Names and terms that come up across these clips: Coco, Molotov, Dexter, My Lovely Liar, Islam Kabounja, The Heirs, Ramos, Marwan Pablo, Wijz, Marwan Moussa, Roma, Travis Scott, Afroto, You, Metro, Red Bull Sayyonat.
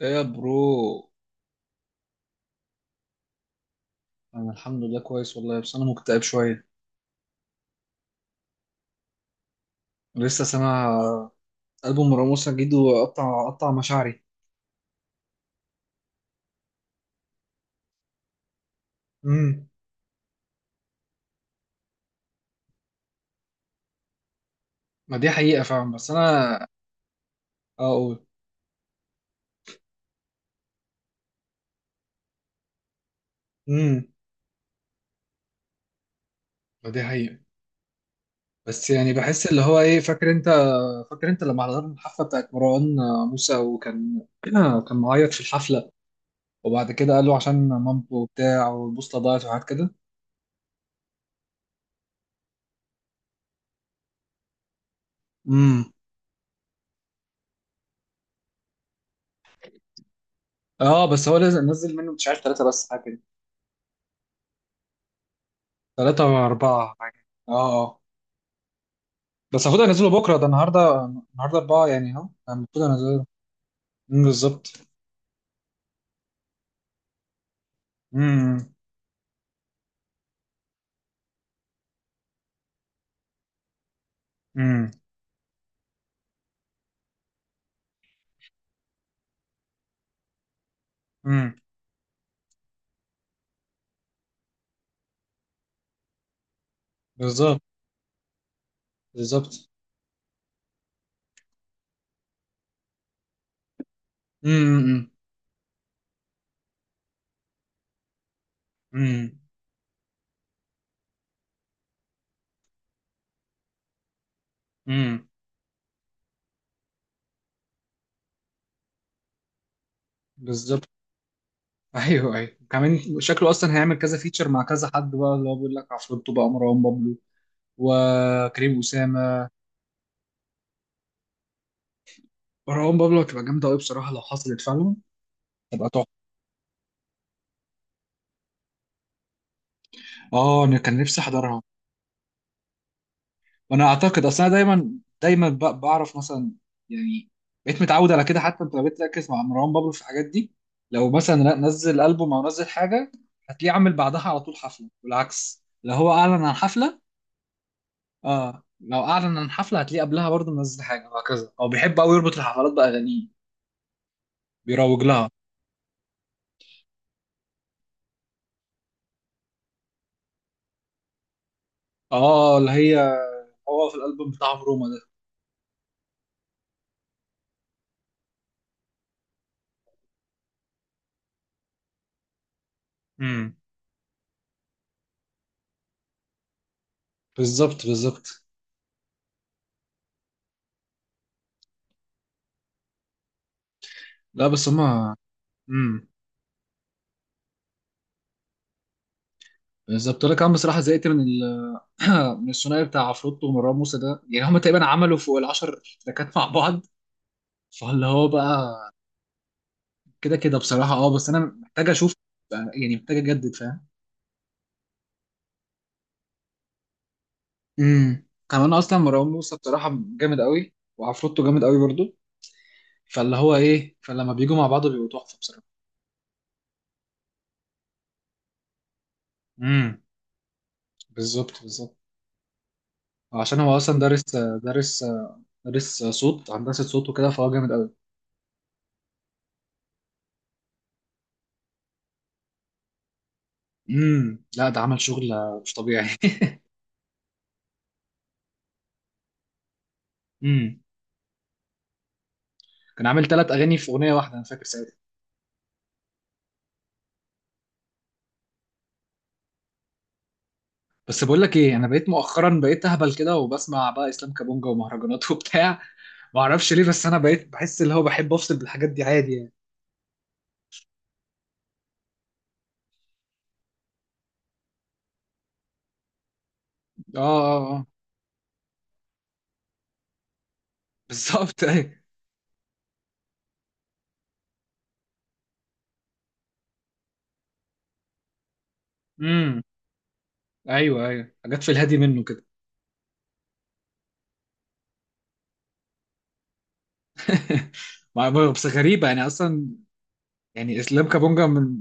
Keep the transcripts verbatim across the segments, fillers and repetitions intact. ايه يا برو. انا الحمد لله كويس والله، بس انا مكتئب شويه. لسه سامع البوم راموس جديد وقطع قطع مشاعري. امم. ما دي حقيقه فعلا، بس انا اقول. امم. ما دي حقيقه. بس يعني بحس اللي هو ايه، فاكر انت فاكر انت لما حضرنا الحفله بتاعت مروان موسى، وكان كان معيط في الحفله، وبعد كده قال له عشان مامته وبتاع والبوصله ضاعت وحاجات كده. امم. اه بس هو لازم نزل منه مش عارف ثلاثه بس حاجه كده. ثلاثه واربعه حاجه، اه اه. بس المفروض انزله بكره، ده النهارده النهارده اربعه يعني اهو، يعني المفروض انزله. أمم، بالظبط. امم. امم. امم. بالظبط. بالظبط. امم. امم. امم. بالظبط. ايوه ايوه، كمان شكله اصلا هيعمل كذا فيتشر مع كذا حد، بقى اللي هو بيقول لك عفروتو بقى، مروان بابلو، وكريم اسامه. مروان بابلو هتبقى جامده قوي بصراحه لو حصلت فعلا، تبقى تحفه. اه انا كان نفسي احضرها. وانا اعتقد اصل انا دايما دايما ب- بعرف مثلا، يعني بقيت متعود على كده. حتى انت لو بقيت تركز مع مروان بابلو في الحاجات دي، لو مثلا نزل البوم او نزل حاجه هتلاقيه عامل بعدها على طول حفله، والعكس لو هو اعلن عن حفله. اه لو اعلن عن حفله هتلاقيه قبلها برضه منزل حاجه، وهكذا. هو بيحب قوي يربط الحفلات باغانيه، بيروج لها. اه اللي هي هو في الالبوم بتاعهم روما ده. امم. بالظبط، بالظبط. لا بس هما. امم. بالظبط. انا كمان بصراحه زهقت من من الثنائي بتاع عفروتو ومروان موسى ده، يعني هم تقريبا عملوا فوق العشر تراكات مع بعض. فاللي هو بقى كده كده بصراحة، اه بس انا محتاج اشوف بقى- يعني محتاج اجدد، فاهم. امم. كمان اصلا مروان موسى بصراحة جامد قوي، وعفروتو جامد قوي برضو، فاللي هو ايه، فلما بيجوا مع بعض بيبقوا تحفة بصراحة. امم. بالظبط، بالظبط. عشان هو اصلا دارس. دارس دارس صوت، هندسة صوت، وكده فهو جامد قوي. امم. لا ده عمل شغل مش طبيعي. امم. كان عامل ثلاث اغاني في اغنية واحدة، انا فاكر ساعتها. بس بقول لك ايه، انا بقيت مؤخرا بقيت اهبل كده وبسمع بقى اسلام كابونجا ومهرجانات وبتاع. ما اعرفش ليه، بس انا بقيت بحس اللي هو بحب افصل بالحاجات دي عادي يعني. اه اه اه. بالظبط، ايوه. امم. ايوه ايوه، حاجات في الهادي منه كده. ما- ما- بس غريبه يعني اصلا، يعني اسلام كابونجا من،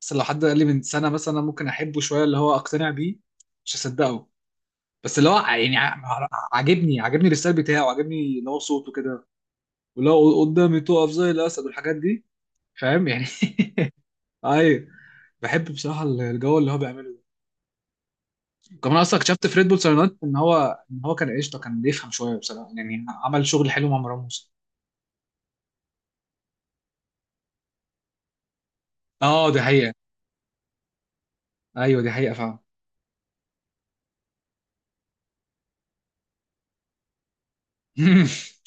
بس لو حد قال لي من سنه مثلا أنا ممكن احبه شويه، اللي هو اقتنع بيه، مش هصدقه. بس اللي هو ع- يعني ع- عاجبني، عاجبني الستايل بتاعه، عاجبني اللي هو صوته كده، واللي هو قدامي تقف زي الاسد والحاجات دي، فاهم يعني. ايوه. بحب بصراحه الجو اللي هو بيعمله. ده كمان اصلا اكتشفت في ريد بول سايونات ان هو، ان هو كان قشطه، كان بيفهم شويه بصراحه، يعني عمل شغل حلو مع مروان موسى. اه دي حقيقه. ايوه دي حقيقه فعلا.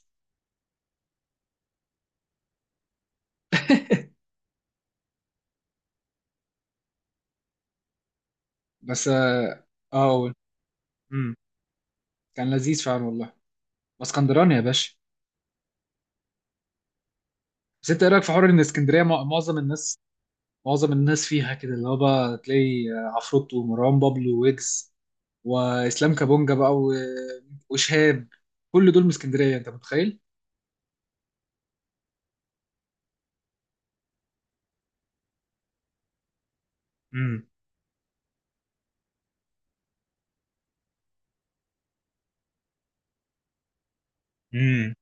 بس اه آه، أمم، كان لذيذ فعلا والله. اسكندراني يا باشا. بس انت ايه رايك في حوار ان اسكندريه مع- معظم الناس، معظم الناس فيها كده. اللي هو بقى تلاقي آه، عفروت ومروان بابلو ويجز واسلام كابونجا بقى، و- وشهاب، كل دول من اسكندريه، انت متخيل. امم. امم.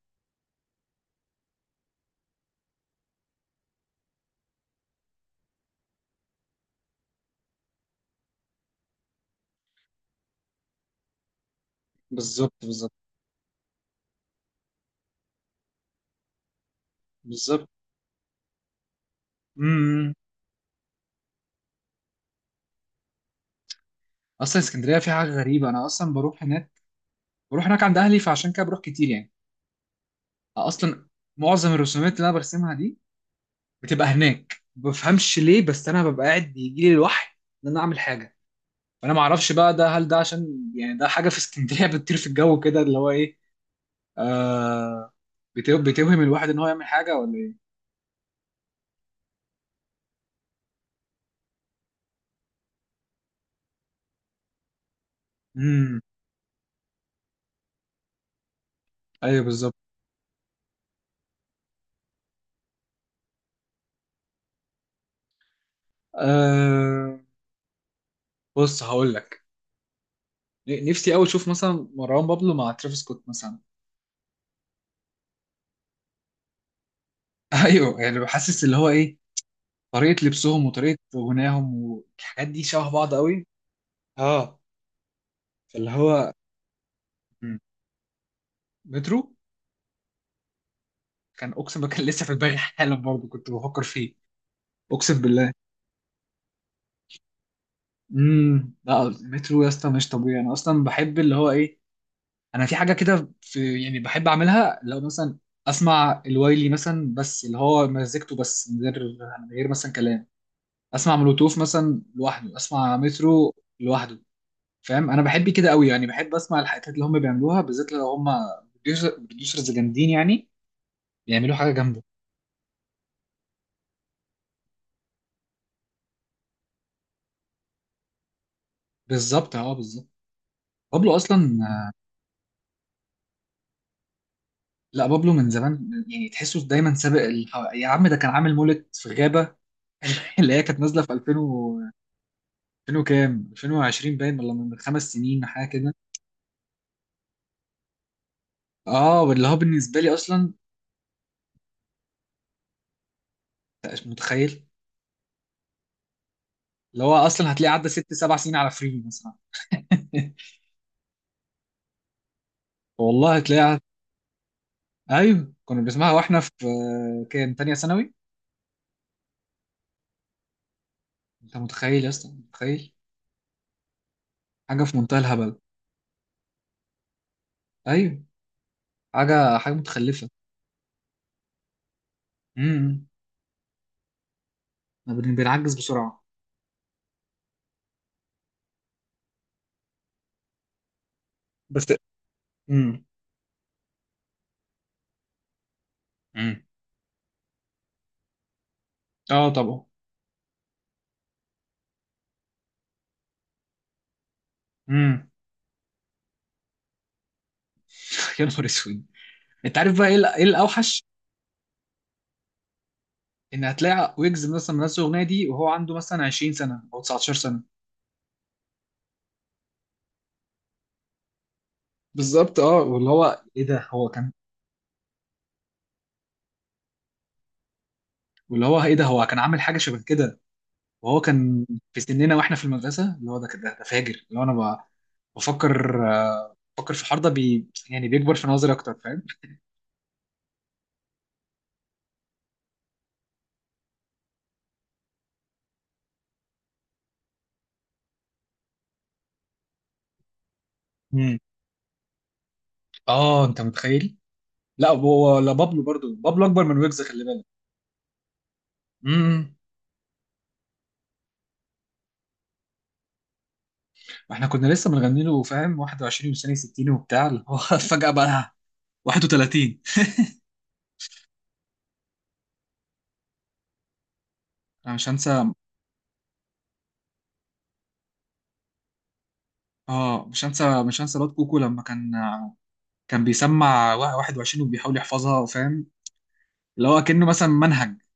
بالظبط، بالظبط، بالظبط. امم. اصلا اسكندريه في حاجه غريبه. انا اصلا بروح هناك، بروح هناك عند اهلي، فعشان كده بروح كتير يعني. اصلا معظم الرسومات اللي انا برسمها دي بتبقى هناك. ما بفهمش ليه، بس انا ببقى قاعد يجي لي الوحي ان انا اعمل حاجه. فانا ما اعرفش بقى، ده هل ده عشان يعني ده حاجه في اسكندريه بتطير في الجو كده، اللي هو ايه، آه بتو- بتوهم الواحد ان هو يعمل حاجه، ولا ايه. امم. ايوه بالظبط. آه بص هقول لك، نفسي قوي اشوف مثلا مروان بابلو مع ترافيس سكوت مثلا. ايوه، يعني بحسس اللي هو ايه، طريقه لبسهم وطريقه غناهم والحاجات دي شبه بعض قوي. اه فاللي هو مم. مترو. كان اقسم بالله، كان لسه في دماغي حالا، برضه كنت بفكر فيه. اقسم بالله. امم. لا مترو يا اسطى مش طبيعي. انا اصلا بحب اللي هو ايه، انا في حاجه كده في يعني بحب اعملها، لو مثلا اسمع الوايلي مثلا بس اللي هو مزيكته، بس من غير، من غير مثلا كلام، اسمع مولوتوف مثلا لوحده، اسمع مترو لوحده، فاهم. انا بحب كده قوي يعني، بحب اسمع الحاجات اللي هم بيعملوها بالذات لو هم بروديوسرز جامدين يعني بيعملوا حاجه جامده. بالظبط، اه بالظبط. بابلو اصلا. لا بابلو من زمان يعني، تحسه دايما سابق الح... يا عم ده كان عامل مولد في غابه. اللي هي كانت نازله في ألفين و ألفين وكام، ألفين وعشرين باين، ولا من خمس سنين حاجه كده. اه واللي هو بالنسبه لي اصلا مش متخيل، اللي هو اصلا هتلاقيه عدى ست سبع سنين على فري مثلا. والله هتلاقيها. ايوه كنا بنسمعها واحنا في، كان تانية ثانوي. انت متخيل يا اسطى، متخيل؟ حاجه في منتهى الهبل. ايوه حاجه حاجه متخلفه. امم. بن- بنعجز بسرعه. بس. امم. امم. اه طبعا. امم. يا نهار اسود. انت عارف بقى ايه ال- إيه الاوحش، ان هتلاقي ويجز مثلا منزل الاغنيه دي وهو عنده مثلا عشرين سنه او تسعتاشر سنه. بالظبط اه. واللي هو ايه ده هو كان واللي هو ايه ده هو كان عامل حاجه شبه كده وهو كان في سننا واحنا في المدرسه، اللي هو ده كده ده فاجر، اللي هو انا ب- بفكر، آه، بفكر في الحوار ده، بي يعني بيكبر في نظري اكتر، فاهم. امم. اه انت متخيل. لا هو لا بابلو برضو، بابلو اكبر من ويجز، خلي بالك. امم. احنا كنا لسه بنغني له، فاهم، واحد وعشرين وسنه ستين وبتاع، اللي هو فجاه بقى واحد وثلاثين. انا مش هنسى، اه، مش هنسى مش هنسى الواد كوكو لما كان كان بيسمع وا- واحد وعشرين وبيحاول يحفظها، فاهم، اللي هو كأنه مثلا منهج.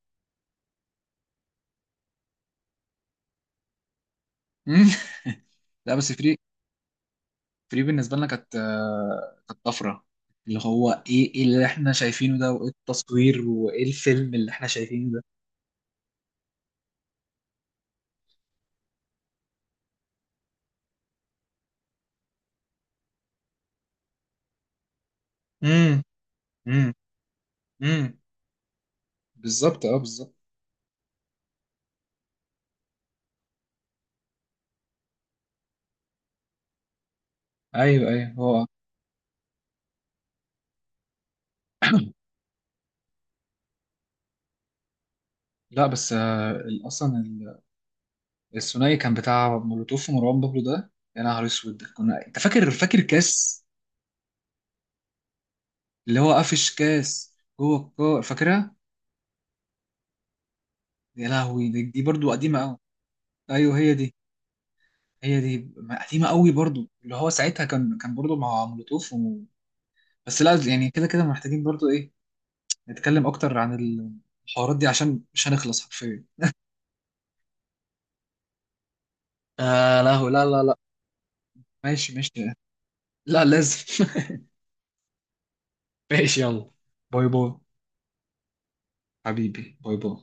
مم. لا بس فري فري بالنسبة لنا كانت، آه، كانت طفرة، اللي هو ايه، ايه اللي احنا شايفينه ده، وايه التصوير وايه الفيلم اللي احنا شايفينه ده. امم. امم. امم. بالظبط، اه بالظبط. ايوه ايوه هو. لا بس آه، ال- اصلا ال- الثنائي كان بتاع مولوتوف ومروان بابلو ده، يا نهار اسود. كنا انت فاكر، فاكر كاس، اللي هو قفش كاس جوه الكو، فاكرها؟ يا لهوي، دي, دي برضو قديمة قوي. ايوه هي دي، هي دي قديمة قوي برضو. اللي هو ساعتها كان، كان برضو مع مولوتوف. بس لا يعني كده كده محتاجين برضو ايه، نتكلم اكتر عن الحوارات دي عشان مش هنخلص حرفيا. آه لا هو- لا، لا، لا. ماشي ماشي. لا لازم. ماشي، يلا، باي باي. حبيبي، باي باي.